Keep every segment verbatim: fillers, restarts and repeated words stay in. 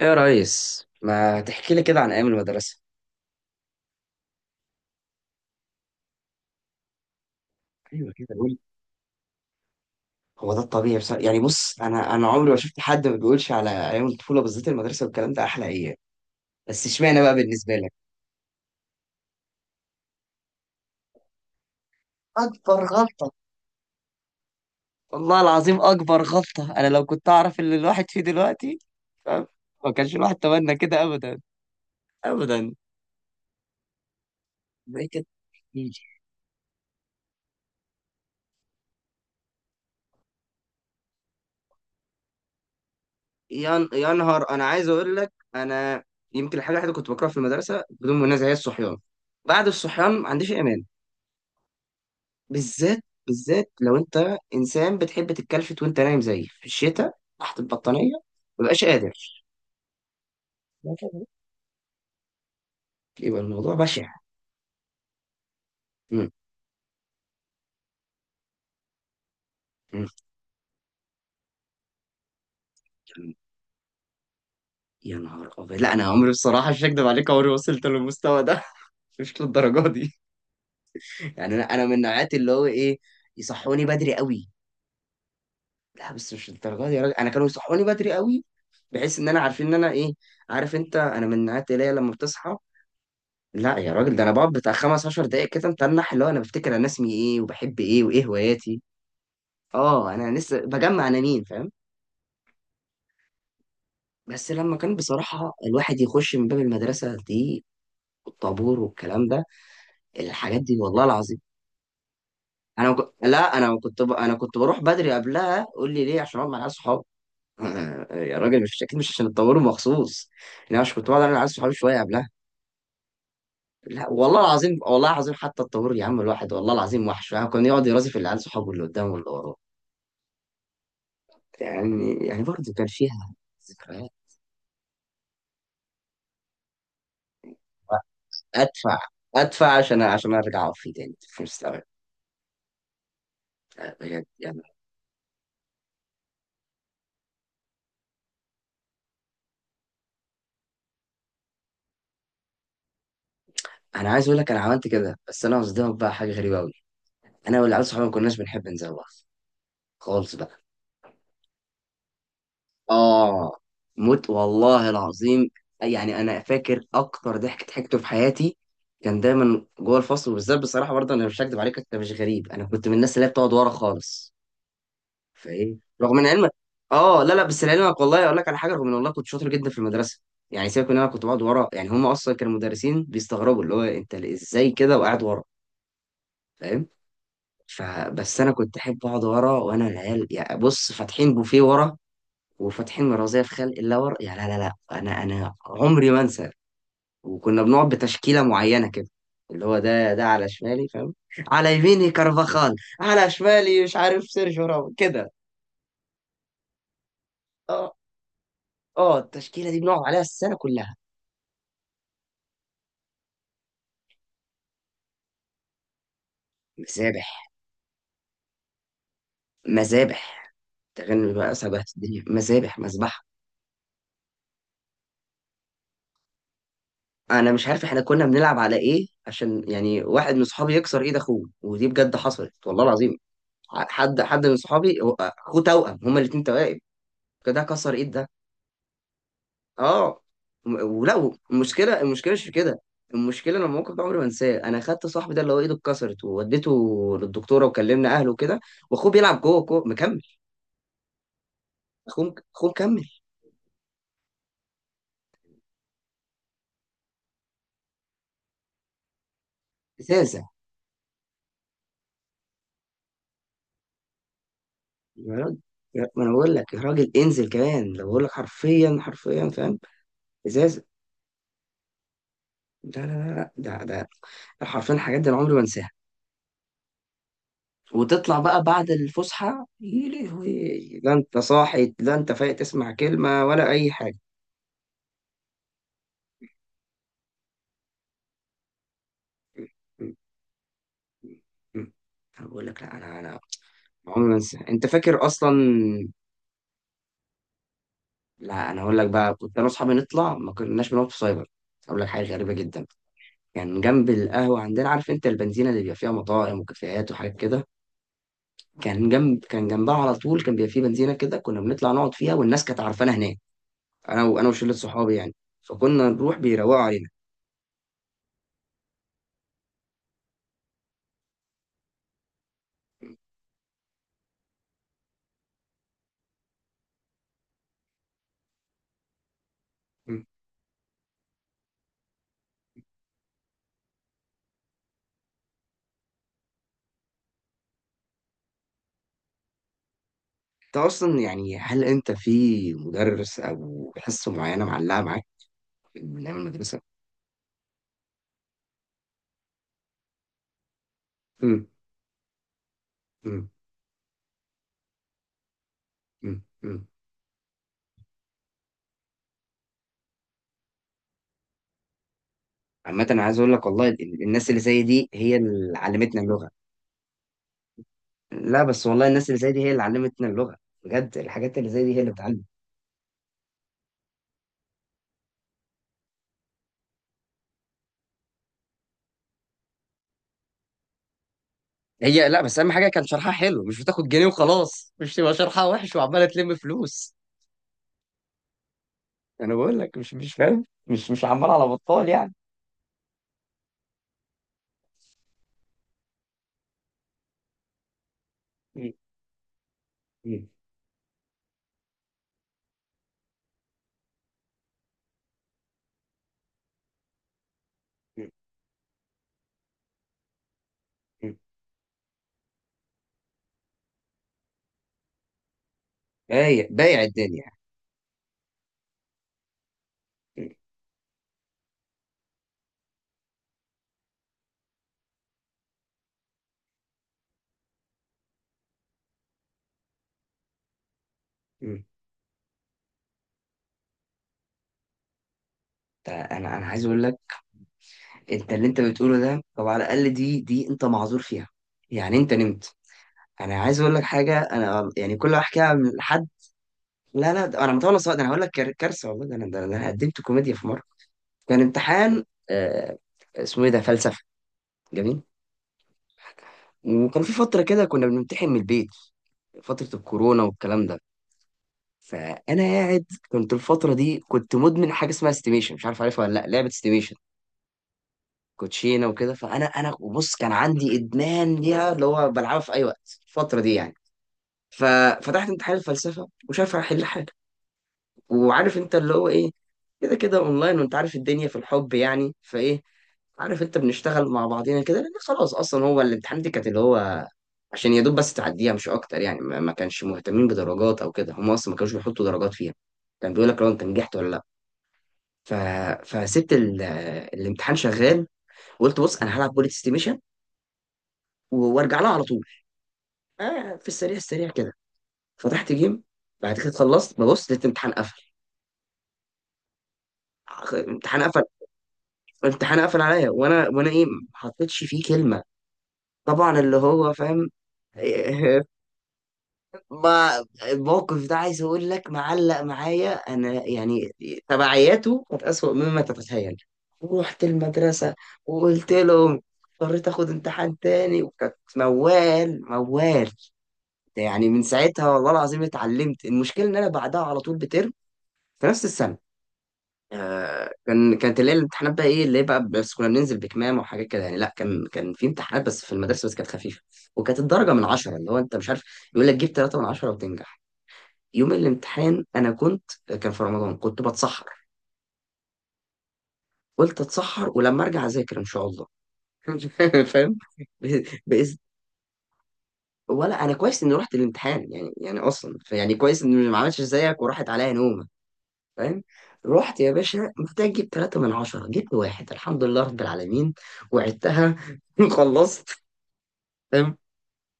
ايه يا ريس، ما تحكي لي كده عن ايام المدرسه. ايوه، كده قول. هو ده الطبيعي، بس يعني بص، انا انا عمري ما شفت حد ما بيقولش على ايام الطفوله، بالذات المدرسه والكلام ده، احلى ايام. بس اشمعنى بقى بالنسبه لك؟ اكبر غلطه. والله العظيم اكبر غلطه، انا لو كنت اعرف اللي الواحد فيه دلوقتي. فاهم؟ ما كانش الواحد تمنى كده ابدا، ابدا. زي كده. يا ن- يا نهار انا عايز اقول لك انا يمكن الحاجه الوحيده كنت بكرهها في المدرسه بدون منازع هي الصحيان. بعد الصحيان ما عنديش ايمان. بالذات، بالذات لو انت انسان بتحب تتكلفت وانت نايم زيي في الشتاء، تحت البطانيه، مبقاش قادر. يبقى الموضوع بشع. مم. مم. يا نهار ابيض، لا انا عمري بصراحه مش هكدب عليك، عمري ما وصلت للمستوى ده. مش للدرجه دي. يعني انا انا من نوعية اللي هو ايه، يصحوني بدري قوي. لا بس مش للدرجه دي يا راجل، انا كانوا يصحوني بدري قوي، بحيث ان انا عارفين ان انا ايه. عارف انت، انا من نوعية اللي هي لما بتصحى، لا يا راجل، ده انا بقعد بتاع خمس عشر دقايق كده متنح، اللي هو انا بفتكر انا اسمي ايه وبحب ايه وايه هواياتي. اه، انا لسه بجمع انا مين، فاهم. بس لما كان بصراحة الواحد يخش من باب المدرسة دي، والطابور والكلام ده، الحاجات دي والله العظيم. انا وك... لا انا كنت ب... انا كنت بروح بدري قبلها. قول لي ليه؟ عشان اقعد مع العيال صحابي. يا راجل، مش اكيد مش عشان الطابور مخصوص، انا مش كنت بقعد انا العيال صحابي شويه قبلها. لا والله العظيم والله العظيم، حتى الطابور يا عم الواحد والله العظيم وحش يعني، كان يقعد يرازي في العيال صحابه اللي قدامه واللي وراه. يعني يعني برضه كان فيها ذكريات. ادفع، ادفع عشان عشان ارجع اطفي تاني في مستوى. بجد يعني، انا عايز اقول لك انا عملت كده، بس انا قصدي بقى حاجه غريبه قوي، انا والعيال صحابي ما كناش بنحب نزوغ خالص بقى. اه، موت والله العظيم. يعني انا فاكر اكتر ضحك ضحكته في حياتي كان دايما جوه الفصل، وبالذات بصراحه برضه انا مش هكدب عليك، انت مش غريب، انا كنت من الناس اللي هي بتقعد ورا خالص. فايه رغم ان علمك اه، لا لا، بس لعلمك والله اقول لك على حاجه، رغم ان والله كنت شاطر جدا في المدرسه، يعني سيبك ان انا كنت بقعد ورا، يعني هم اصلا كانوا مدرسين بيستغربوا اللي هو انت ازاي كده وقاعد ورا، فاهم. فبس انا كنت احب اقعد ورا، وانا العيال يعني بص فاتحين بوفيه ورا، وفاتحين مرازيه في خلق الله ورا، يعني لا لا لا انا انا عمري ما انسى. وكنا بنقعد بتشكيله معينه كده، اللي هو ده ده على شمالي، فاهم. على يميني كارفاخال، على شمالي مش عارف سيرجيو راموس كده. آه. اه، التشكيله دي بنقعد عليها السنه كلها. مذابح، مذابح. تغني بقى، سبهت الدنيا مذابح مذبحه. انا مش عارف احنا كنا بنلعب على ايه عشان يعني واحد من صحابي يكسر ايد اخوه، ودي بجد حصلت والله العظيم. ح- حد حد من صحابي، هو- اخوه توأم، هما الاتنين توائم، فده كسر ايد ده. اه. وم- ولا المشكله، المشكله مش في كده، المشكله لما الموقف ده عمري ما انساه، انا خدت صاحبي ده اللي هو ايده اتكسرت ووديته للدكتوره، وكلمنا اهله وكده، واخوه بيلعب جوه، جوه مكمل. اخوه، اخوه مكمل. ازازه. يا راجل، يا- ما انا بقول لك يا راجل، انزل كمان لو بقول لك حرفيا، حرفيا فاهم. ازاز. لا لا لا لا، ده ده ده حرفيا، الحاجات دي انا عمري ما انساها. وتطلع بقى بعد الفسحه يا لهوي، لا انت صاحي، لا انت فايق تسمع كلمه ولا اي حاجه. م- م- م. انا بقول لك، لا انا انا عمري ما انسى، انت فاكر اصلا. لا انا اقول لك بقى، كنت انا واصحابي نطلع، ما كناش بنقعد في سايبر. اقول لك حاجه غريبه جدا. كان يعني جنب القهوه عندنا، عارف انت البنزينه اللي بيبقى فيها مطاعم وكافيهات وحاجات كده، كان جنب، كان جنبها على طول كان بيبقى فيه بنزينه كده، كنا بنطلع نقعد فيها والناس كانت عارفانا هناك، انا وانا وشله صحابي يعني، فكنا نروح بيروقوا علينا. مم. انت اصلا يعني هل انت في مدرس او حصه معينه معلقه معاك من ايام المدرسه؟ امم. امم. امم. امم. عامة أنا عايز أقول لك والله ال- الناس اللي زي دي هي اللي علمتنا اللغة. لا بس والله الناس اللي زي دي هي اللي علمتنا اللغة، بجد الحاجات اللي زي دي هي اللي بتعلم. هي لا، بس أهم حاجة كان شرحها حلو، مش بتاخد جنيه وخلاص، مش تبقى شرحها وحش وعمالة تلم فلوس. انا بقول لك، مش مش فاهم، مش مش عمال على بطال يعني. م- م- م- م. بايع، بايع الدنيا. م- م. ده انا، انا عايز اقول لك. انت اللي انت بتقوله ده طب على الاقل دي دي انت معذور فيها، يعني انت نمت. انا عايز اقول لك حاجه، انا يعني كل ما احكيها لحد. لا لا، ده انا مطول صوت، انا هقول لك كار- كارثه والله. ده انا، ده انا قدمت كوميديا في مره. كان امتحان، آه، اسمه ايه ده، فلسفه. جميل. وكان في فتره كده كنا بنمتحن من البيت، فتره الكورونا والكلام ده. فانا قاعد كنت الفتره دي كنت مدمن حاجه اسمها استيميشن، مش عارف عارفها ولا لا، لعبه استيميشن، كوتشينه وكده. فانا انا بص، كان عندي ادمان ليها، اللي هو بلعبها في اي وقت الفتره دي يعني. ففتحت امتحان الفلسفه وشايف هحل، وعارف انت اللي هو ايه، كده كده اونلاين، وانت عارف الدنيا في الحب يعني فايه، عارف انت بنشتغل مع بعضينا كده، لان خلاص اصلا هو الامتحان دي كانت اللي هو عشان يا دوب بس تعديها مش اكتر يعني، ما ما كانش مهتمين بدرجات او كده، هم اصلا ما كانوش بيحطوا درجات فيها، كان بيقول لك لو انت نجحت ولا لا. ف... فسبت ال... الامتحان شغال، وقلت بص انا هلعب بوليت ستيميشن وارجع لها على طول، آه في السريع، السريع كده، فتحت جيم. بعد كده خلصت ببص لقيت الامتحان قفل. آه، امتحان قفل. فالامتحان قفل عليا، وانا وانا ايه، ما حطيتش فيه كلمه، طبعا اللي هو فاهم. ما الموقف ده عايز اقول لك معلق معايا انا يعني، تبعياته كانت اسوأ مما تتخيل. رحت المدرسه وقلت لهم، اضطريت اخد امتحان تاني، وكانت موال موال يعني. من ساعتها والله العظيم اتعلمت. المشكله ان انا بعدها على طول بترم في نفس السنه، آه، كان كانت اللي هي الامتحانات بقى ايه اللي هي بقى، بس كنا بننزل بكمام وحاجات كده يعني، لا كان كان في امتحانات بس في المدرسه، بس كانت خفيفه. وكانت الدرجه من عشرة، اللي هو انت مش عارف، يقول لك جيب ثلاثة من عشرة وتنجح. يوم الامتحان انا كنت، كان في رمضان كنت بتسحر، قلت اتسحر ولما ارجع اذاكر ان شاء الله. فاهم. ب- بإذن ولا انا كويس اني رحت الامتحان يعني، يعني اصلا يعني كويس اني ما عملتش زيك وراحت عليا نوم. فاهم. رحت يا باشا محتاج اجيب ثلاثة من عشرة، جبت واحد، الحمد لله رب العالمين، وعدتها. خلصت. فاهم.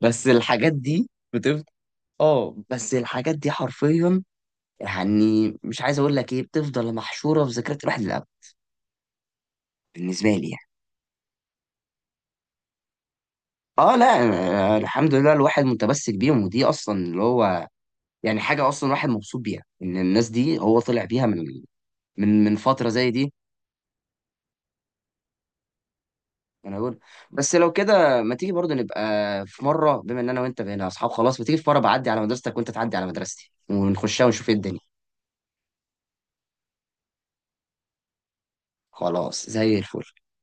بس الحاجات دي بتفضل. اه، بس الحاجات دي حرفيا، يعني مش عايز اقول لك ايه، بتفضل محشورة في ذاكرة الواحد للأبد. بالنسبة لي يعني، اه لا، أنا الحمد لله الواحد متمسك بيهم، ودي اصلا اللي هو يعني حاجة اصلا الواحد مبسوط بيها، ان الناس دي هو طلع بيها من، من من فترة زي دي. انا اقول، بس لو كده ما تيجي برضه نبقى في مره، بما ان انا وانت بقينا اصحاب خلاص، ما تيجي في مره بعدي على مدرستك وانت تعدي على مدرستي، ونخشها ونشوف ايه الدنيا. خلاص زي الفل.